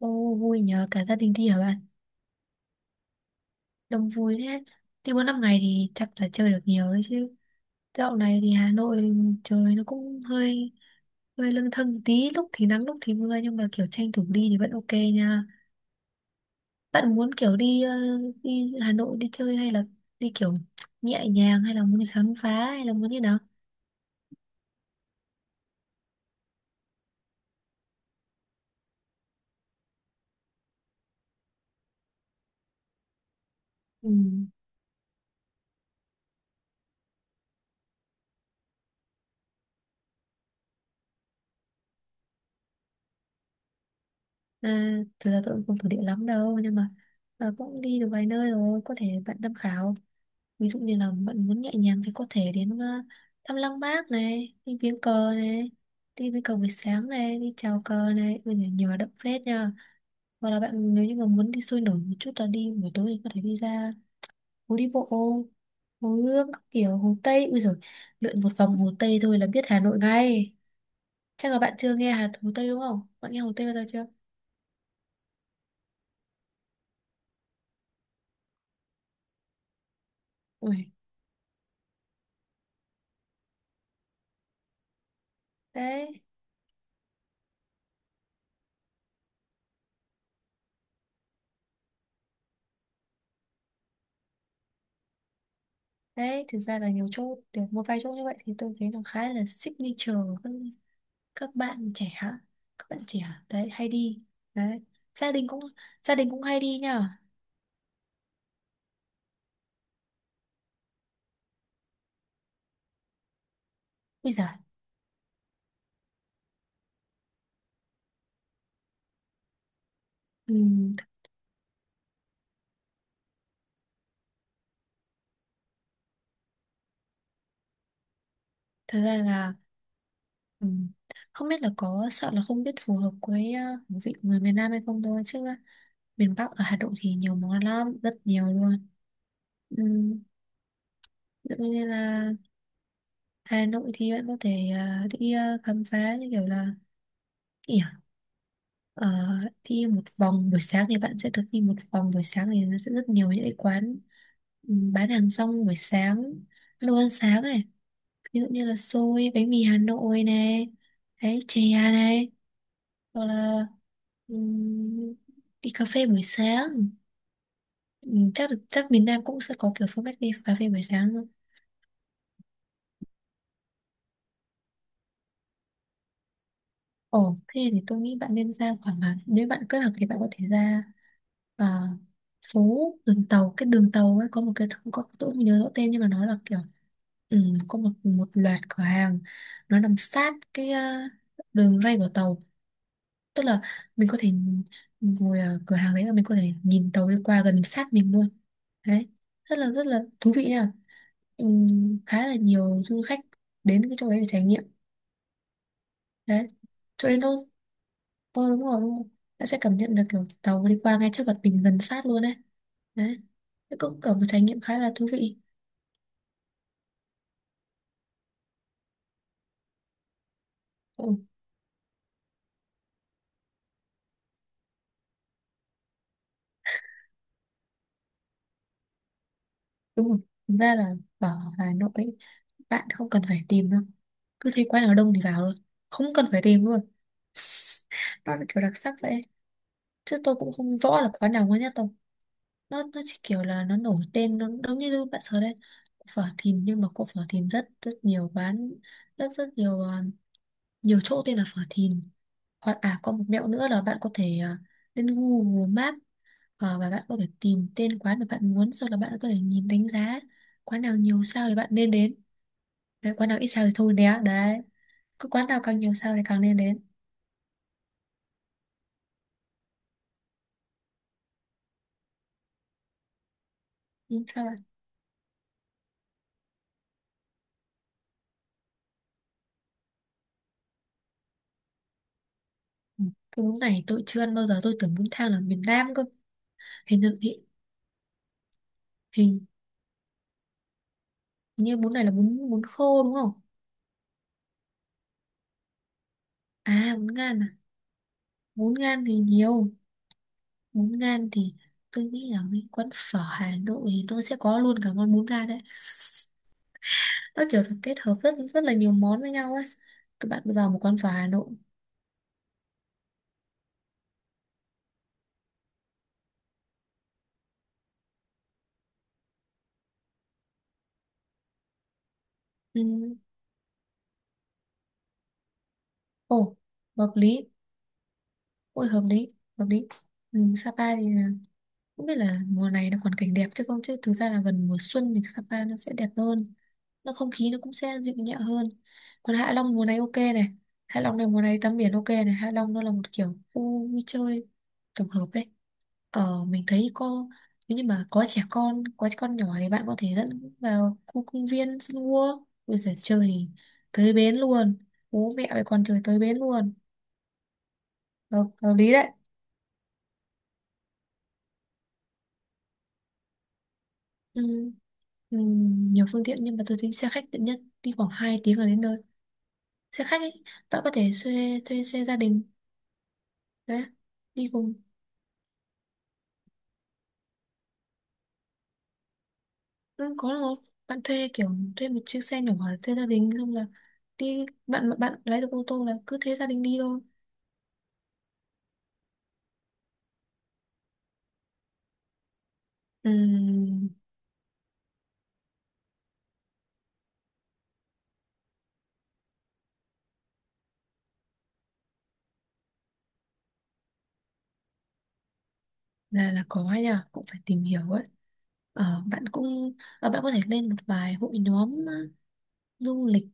Ô vui nhờ cả gia đình đi hả bạn? Đông vui thế. Đi 4 năm ngày thì chắc là chơi được nhiều đấy chứ. Dạo này thì Hà Nội trời nó cũng hơi hơi lâng thâng một tí, lúc thì nắng lúc thì mưa nhưng mà kiểu tranh thủ đi thì vẫn ok nha. Bạn muốn kiểu đi đi Hà Nội đi chơi hay là đi kiểu nhẹ nhàng hay là muốn đi khám phá hay là muốn như nào? Ừ. À, thực ra tôi cũng không thuộc địa lắm đâu, nhưng mà cũng đi được vài nơi rồi, có thể bạn tham khảo. Ví dụ như là bạn muốn nhẹ nhàng thì có thể đến thăm Lăng Bác này, đi viếng cờ này, đi viếng cờ buổi sáng này, đi chào cờ này, bây giờ nhiều hoạt động phết nha. Hoặc là bạn nếu như mà muốn đi sôi nổi một chút là đi buổi tối thì có thể đi ra phố đi bộ hồ Gươm, các kiểu hồ Tây bây giờ, lượn một vòng hồ Tây thôi là biết Hà Nội ngay. Chắc là bạn chưa nghe Hồ Tây đúng không, bạn nghe Hồ Tây bao giờ chưa? Ui. Đấy, đấy thực ra là nhiều chỗ được, một vài chỗ như vậy thì tôi thấy nó khá là signature. Các bạn trẻ hả? Các bạn trẻ đấy hay đi đấy, gia đình cũng gia đình cũng hay đi nhờ. Bây giờ ừm, th- thật ra là ừm, không biết là có sợ là không biết phù hợp với khẩu vị của người miền Nam hay không thôi, chứ miền Bắc ở Hà Nội thì nhiều món ăn lắm, rất nhiều luôn. Ừm, Tự nhiên là Hà Nội thì bạn có thể đi khám phá như kiểu ờ, đi một vòng buổi sáng thì bạn sẽ thực đi một vòng buổi sáng thì nó sẽ rất nhiều những cái quán bán hàng rong buổi sáng, đồ ăn sáng này, ví dụ như là xôi, bánh mì Hà Nội này, đấy, chè này, hoặc là ừm, đi cà phê buổi sáng. Chắc miền Nam cũng sẽ có kiểu phong cách đi cà phê buổi sáng luôn. Ồ, thế thì tôi nghĩ bạn nên ra khoảng là nếu bạn kết hợp thì bạn có thể ra ờ, phố đường tàu. Cái đường tàu ấy có một cái, không có, tôi không nhớ rõ tên, nhưng mà nó là kiểu ừ, có một một loạt cửa hàng, nó nằm sát cái đường ray của tàu, tức là mình có thể ngồi ở cửa hàng đấy và mình có thể nhìn tàu đi qua gần sát mình luôn. Đấy, rất là, rất là thú vị nha. ừ, Khá là nhiều du khách đến cái chỗ đấy để trải nghiệm đấy. Chỗ đấy nó, ờ đúng rồi, đúng rồi. Bạn sẽ cảm nhận được kiểu tàu đi qua ngay trước mặt mình, gần sát luôn đấy. Đấy. Thế cũng kiểu một trải nghiệm khá là thú vị. Ừ, đúng rồi. Thực ra là ở Hà Nội ấy, bạn không cần phải tìm đâu. Cứ thấy quán nào đông thì vào thôi. Không cần phải tìm luôn. Nó là kiểu đặc sắc vậy. Chứ tôi cũng không rõ là quán nào ngon nhất đâu. Nó chỉ kiểu là nó nổi tên, nó giống như bạn sợ đấy. Phở Thìn, nhưng mà có phở Thìn rất rất nhiều quán, rất rất nhiều chỗ tên là phở Thìn. Hoặc à, có một mẹo nữa là bạn có thể lên Google Maps, và bạn có thể tìm tên quán mà bạn muốn, sau đó bạn có thể nhìn đánh giá. Quán nào nhiều sao thì bạn nên đến đấy, quán nào ít sao thì thôi nhé. Đấy, cứ quán nào càng nhiều sao thì càng nên đến. Ừ, Sao bạn ừ. Cái bún này tôi chưa ăn bao giờ, tôi tưởng bún thang là miền Nam cơ. Hình như hình, hình như bún này là bún bún khô đúng không? À, bún gan à? Bún gan thì nhiều, bún gan thì tôi nghĩ là mấy quán phở Hà Nội thì nó sẽ có luôn cả món bún gan đấy. Nó kiểu được kết hợp rất rất là nhiều món với nhau ấy. Các bạn cứ vào một quán phở Hà Nội. Ừ. Ồ hợp lý, ôi hợp lý, hợp lý. Ừ. Cũng biết là mùa này nó còn cảnh đẹp, chứ không, chứ thực ra là gần mùa xuân thì Sapa nó sẽ đẹp hơn, nó không khí nó cũng sẽ dịu nhẹ hơn. Còn Hạ Long mùa này ok này, Hạ Long này mùa này tắm biển ok này, Hạ Long nó là một kiểu khu vui chơi tổng hợp ấy. Ờ, mình thấy cô, nếu như mà có trẻ con, có trẻ con nhỏ thì bạn có thể dẫn vào khu công viên sân gua bây giờ chơi thì tới bến luôn, bố mẹ với con chơi tới bến luôn. Hợp lý đấy. ừ, ừ, Nhiều phương tiện nhưng mà tôi thấy xe khách tiện nhất, đi khoảng 2 tiếng là đến nơi. Xe khách ấy, bạn có thể thuê, thuê xe gia đình. Đấy, đi cùng. Ừ, có được, bạn thuê kiểu thuê một chiếc xe nhỏ, thuê gia đình xong là đi, bạn bạn lái được ô tô là cứ thế gia đình đi thôi. ừ là có ấy nhờ, cũng phải tìm hiểu ấy. Bạn cũng, bạn có thể lên một vài hội nhóm du lịch,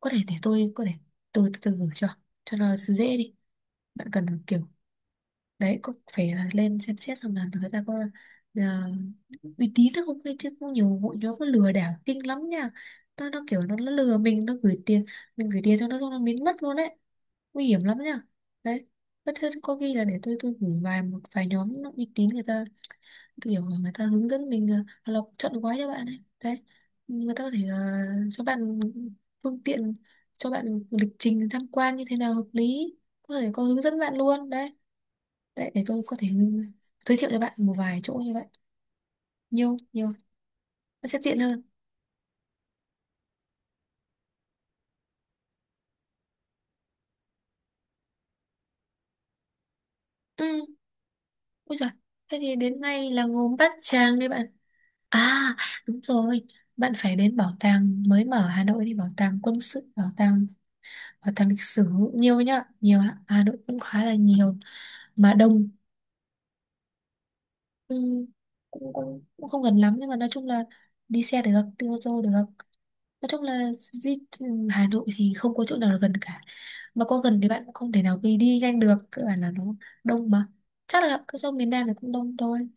có thể để tôi có thể, tôi từ từ gửi cho nó dễ đi. Bạn cần kiểu đấy, có phải là lên xem xét xem là người ta có ờ, uy tín hay không ấy chứ, cũng nhiều hội nhóm có lừa đảo kinh lắm nha. Nó kiểu nó lừa mình, nó gửi tiền, mình gửi tiền cho nó xong nó biến mất luôn đấy, nguy hiểm lắm nha. Đấy, bất thế có khi là để tôi gửi vài một vài nhóm nó uy tín, người ta kiểu mà người ta hướng dẫn mình, hoặc là chọn gói cho bạn ấy đấy. Người ta có thể cho bạn phương tiện, cho bạn lịch trình tham quan như thế nào hợp lý, có thể có hướng dẫn bạn luôn đấy. Đấy, để tôi có thể giới thiệu cho bạn một vài chỗ như vậy, nhiều nhiều, nó sẽ tiện hơn. ừ Ôi giời, thế thì đến ngay là gồm Bát Tràng đi bạn. À đúng rồi, bạn phải đến bảo tàng mới mở Hà Nội, đi bảo tàng quân sự, bảo tàng, bảo tàng lịch sử, nhiều nhá, nhiều ạ. Hà Nội cũng khá là nhiều mà đông. Ừm, Cũng không gần lắm nhưng mà nói chung là đi xe được, đi ô tô được. Nói chung là di Hà Nội thì không có chỗ nào là gần cả, mà có gần thì bạn cũng không thể nào đi đi nhanh được, cơ bản là nó đông mà. Chắc là cứ trong miền Nam này cũng đông thôi.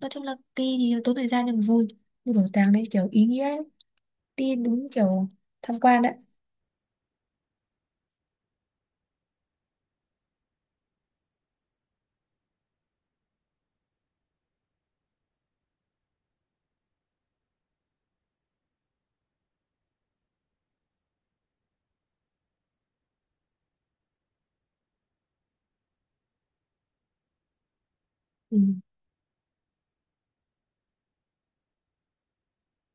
Nói chung là đi thì tốn thời gian nhưng mà vui, như bảo tàng đấy kiểu ý nghĩa đấy, đi đúng kiểu tham quan đấy. Ừ.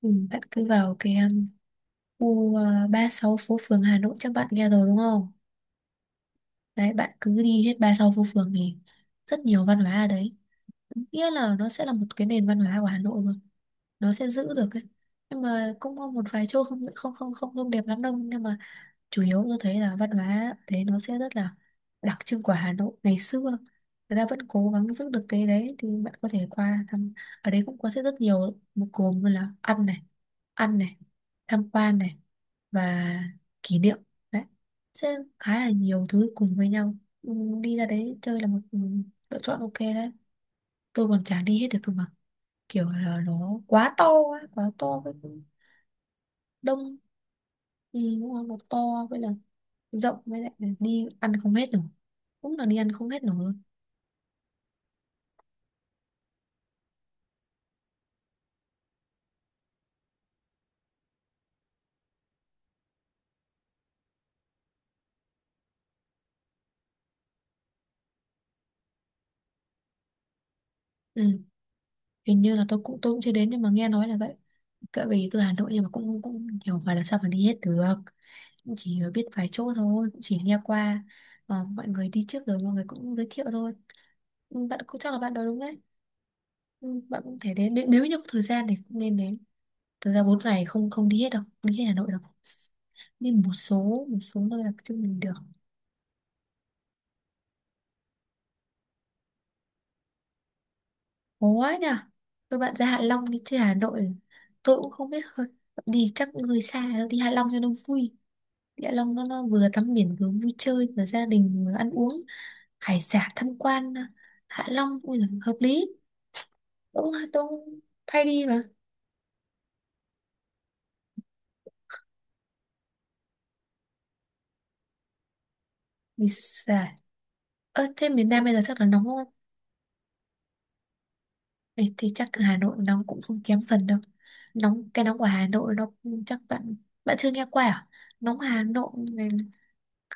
Ừ, bạn cứ vào cái khu 36 phố phường Hà Nội, chắc bạn nghe rồi đúng không? Đấy, bạn cứ đi hết 36 phố phường thì rất nhiều văn hóa ở đấy. Nghĩa là nó sẽ là một cái nền văn hóa của Hà Nội luôn. Nó sẽ giữ được ấy. Nhưng mà cũng có một vài chỗ không không không không không đẹp lắm đâu. Nhưng mà chủ yếu tôi thấy là văn hóa đấy nó sẽ rất là đặc trưng của Hà Nội ngày xưa, người ta vẫn cố gắng giữ được cái đấy, thì bạn có thể qua thăm. Ở đấy cũng có sẽ rất nhiều một gồm như là ăn này, ăn này, tham quan này, và kỷ niệm đấy, sẽ khá là nhiều thứ cùng với nhau. Ừ, đi ra đấy chơi là một, lựa chọn ok đấy. Tôi còn chả đi hết được cơ mà, kiểu là nó quá to ấy, quá to với đông. Ừ, đúng rồi, nó to với là rộng, với lại là đi ăn không hết nổi, cũng là đi ăn không hết nổi luôn. Ừ. Hình như là tôi cũng chưa đến nhưng mà nghe nói là vậy. Cỡ về từ Hà Nội nhưng mà cũng cũng hiểu phải là sao mà đi hết được. Cũng chỉ biết vài chỗ thôi, cũng chỉ nghe qua. Ờ, mọi người đi trước rồi mọi người cũng giới thiệu thôi. Ừ, bạn cũng chắc là bạn nói đúng đấy. Ừ, bạn cũng thể đến, nếu nếu như có thời gian thì cũng nên đến. Thực ra 4 ngày không không đi hết đâu, đi hết Hà Nội đâu, đi một số nơi là chưa mình được. Ủa nhỉ? Tôi bạn ra Hạ Long đi chơi Hà Nội. Tôi cũng không biết hơn. Đi chắc người xa đi Hạ Long cho nó vui. Đi Hạ Long nó vừa tắm biển vừa vui chơi vừa gia đình vừa ăn uống hải sản tham quan. Hạ Long ui giời, hợp lý. Đúng, cũng tôi cũng thay đi mà. Vì xài. Ơ thế miền Nam bây giờ chắc là nóng đúng không? Ê, thì chắc là Hà Nội nóng cũng không kém phần đâu. Nóng cái nóng của Hà Nội nó, chắc bạn, bạn chưa nghe qua à? Nóng Hà Nội này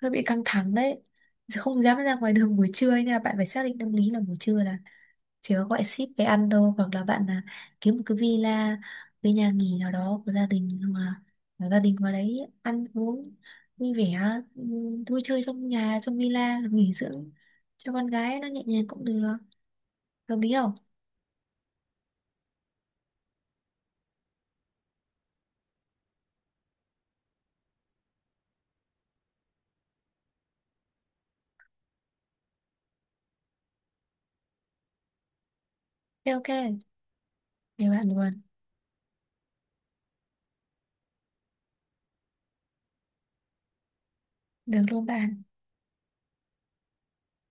hơi bị căng thẳng đấy. Giờ không dám ra ngoài đường buổi trưa ấy, nên là bạn phải xác định tâm lý là buổi trưa là chỉ có gọi ship về ăn đâu, hoặc là bạn là kiếm một cái villa, cái nhà nghỉ nào đó của gia đình, hoặc là gia đình vào đấy ăn uống vui vẻ, vui chơi trong nhà, trong villa là nghỉ dưỡng cho con gái nó nhẹ nhàng cũng được. Hợp lý không? Ok ok. Về bạn luôn. Được luôn bạn.